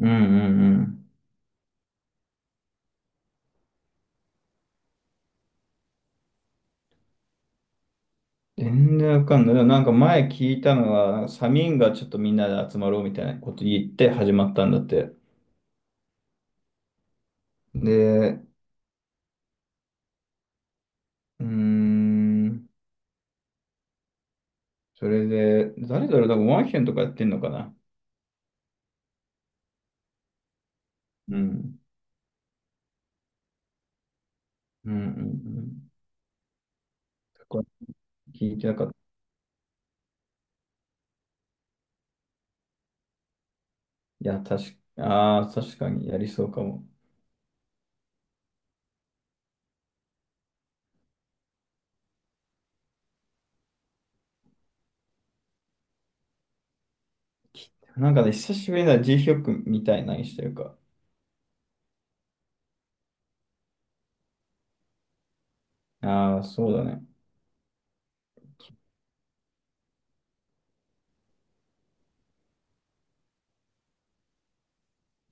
うんうんうん。全然わかんない。でもなんか前聞いたのは、サミンがちょっとみんなで集まろうみたいなこと言って始まったんだって。で、うーん、それで、誰だろう、なんかワンヒェンとかやってんのかな。うん。うんうんうん。そこは聞いてなかった。いや、確か、確かにやりそうかも。きなんかね、久しぶりだ、G ヒョクみたいなにしてるか。ああ、そうだね。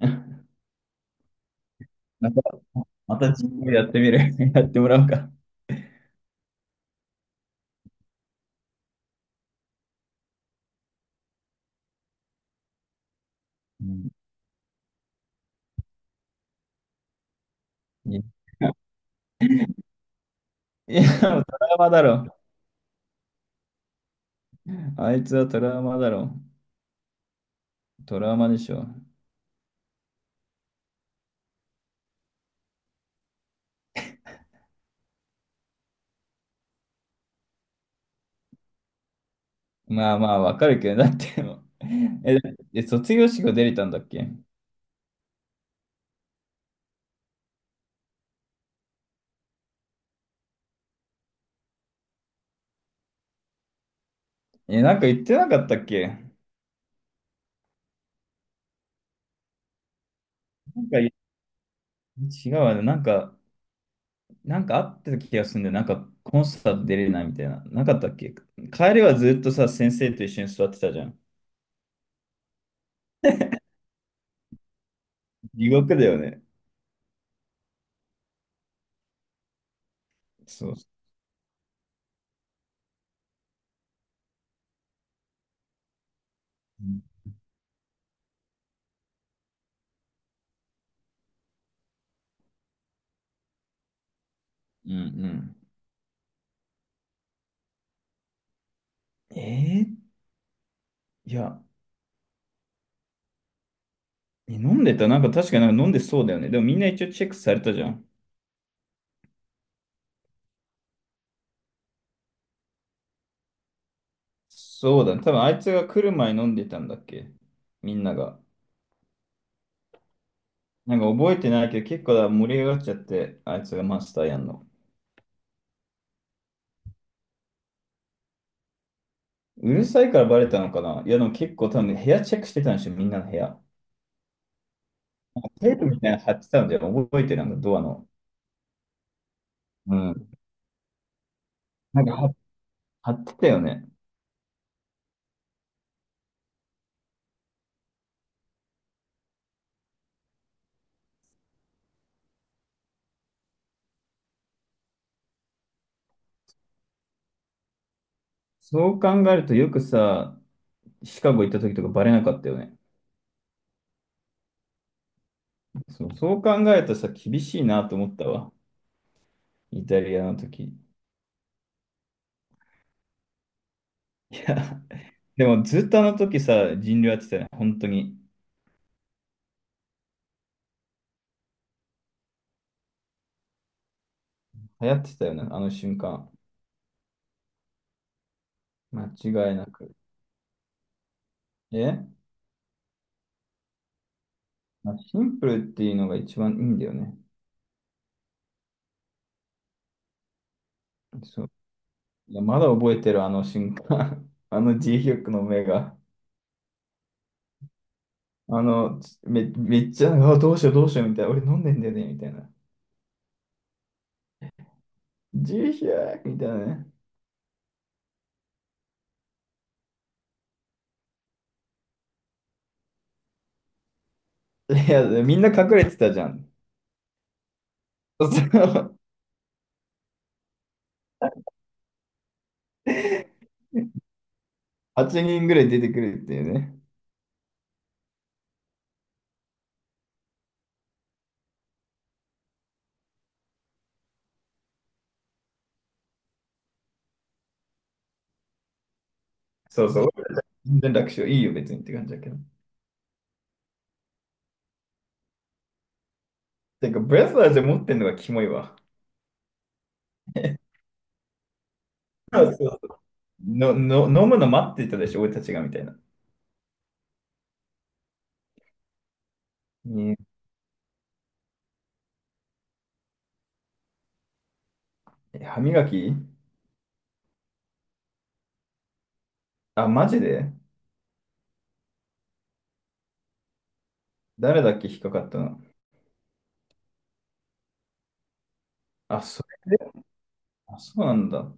また、また G ヒョクやってみる。やってもらおうか。うん。いや、もうトラウマだろ。あいつはトラウマだろ。トラウマでしょ。まあまあ、わかるけど、だってもう、え、卒業式が出れたんだっけ？え、なんか言ってなかったっけ？なんか違うわね。なんか、なんかあってた気がするんだよ。なんかコンサート出れないみたいな。なかったっけ？帰りはずっとさ、先生と一緒に座ってたじゃん。地獄だよね。そう。うんうんうん。いや、え飲んでた。なんか確かなんか飲んでそうだよね。でもみんな一応チェックされたじゃん。そうだね。多分あいつが来る前に飲んでたんだっけ？みんなが。なんか覚えてないけど結構だ盛り上がっちゃって、あいつがマスターやんの。うるさいからバレたのかな。いやでも結構多分部屋チェックしてたんでしょ、みんなの部屋。テープみたいなの貼ってたんじゃん。覚えてるなんかドアの。うん。なんか貼貼ってたよね。そう考えるとよくさ、シカゴ行った時とかバレなかったよね。そう、そう考えるとさ、厳しいなと思ったわ。イタリアの時。いや、でもずっとあの時さ、人流やってたよね、本当に。流行ってたよね、あの瞬間。間違いなく。え、まあ、シンプルっていうのが一番いいんだよね。そう。いや、まだ覚えてる、あの瞬間。あの G ヒョクの目が。めっちゃ、あ、どうしよう、どうしよう、みたいな。俺飲んでんだよね、みたいな。G ヒョクみたいなね。いや、みんな隠れてたじゃん。そう、8人ぐらい出てくるっていうね。そうそう。全然楽勝いいよ、別にって感じだけど。てか、ブレスラーで持ってんのがキモいわ。そう、飲むの待ってたでしょ、俺たちが、みたいな。ね、え歯磨き。あ、マジで。誰だっけ引っかかったの？あ、それで、あ、そうなんだ。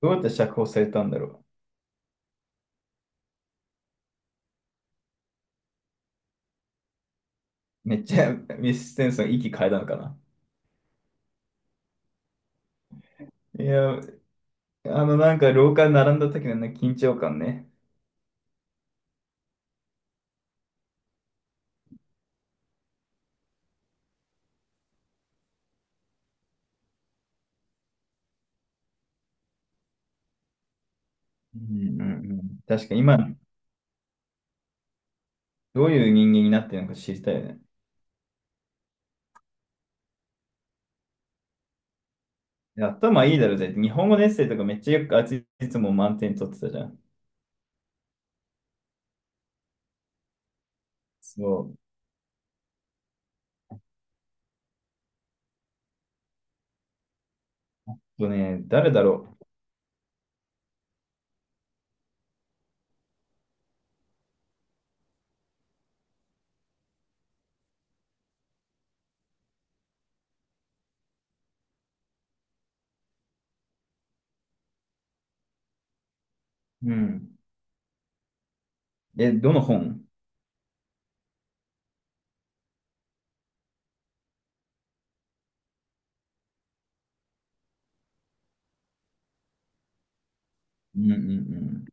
どうやって釈放されたんだろう。めっちゃ ミス・ステンソン息変えたのかな。いや、あの、なんか廊下に並んだ時のね、緊張感ね。うんうんうん。確かに今、どういう人間になってるのか知りたいよね。いや頭いいだろ、じゃあ日本語のエッセイとかめっちゃよくあいついつも満点取ってたじゃん。そう。あとね、誰だろう。うん。え、どの本？うんうん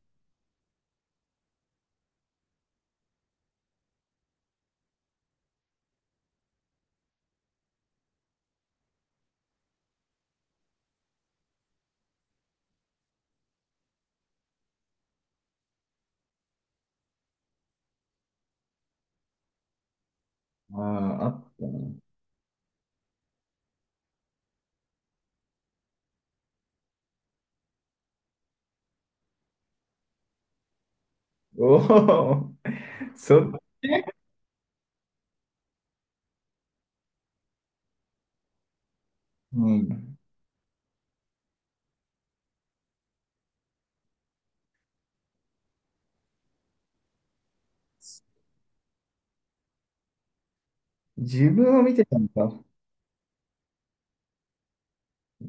うん。ああ、あったね。おお、そ、うん。自分を見てたのか。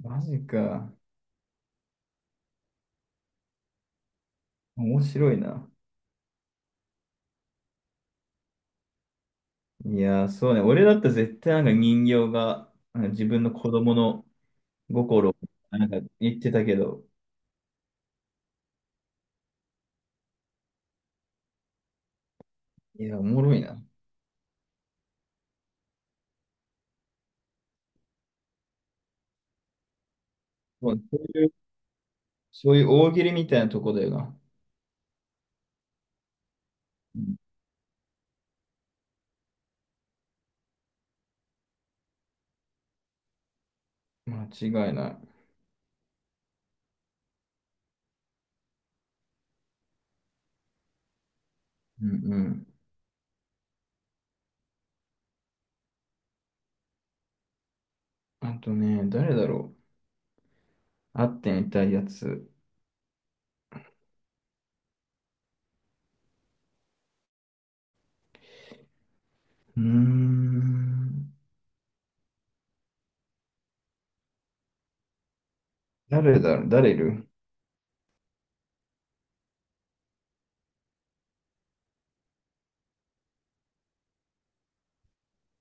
マジか。面白いな。いやー、そうね。俺だったら絶対なんか人形が、なんか自分の子供の心をなんか言ってたけど、いや、おもろいな。もうそういう、そういう大喜利みたいなとこだよな。うん、間違いない。うんうん。あとね、誰だろう。会ってみたいやつ。うーん。誰だろう、誰いる？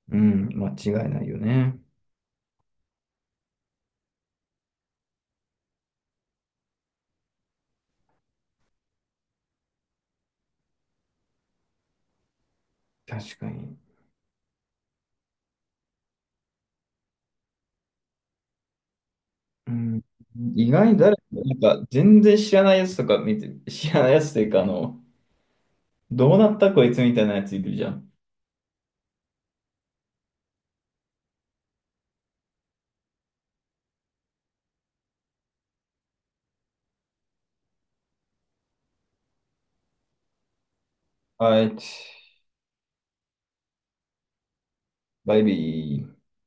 うん、間違いないよね。確かに。うん、意外に誰か、なんか全然知らないやつとか見て、知らないやつというか、あの、どうなったこいつみたいなやついるじゃん。はい、バイビー。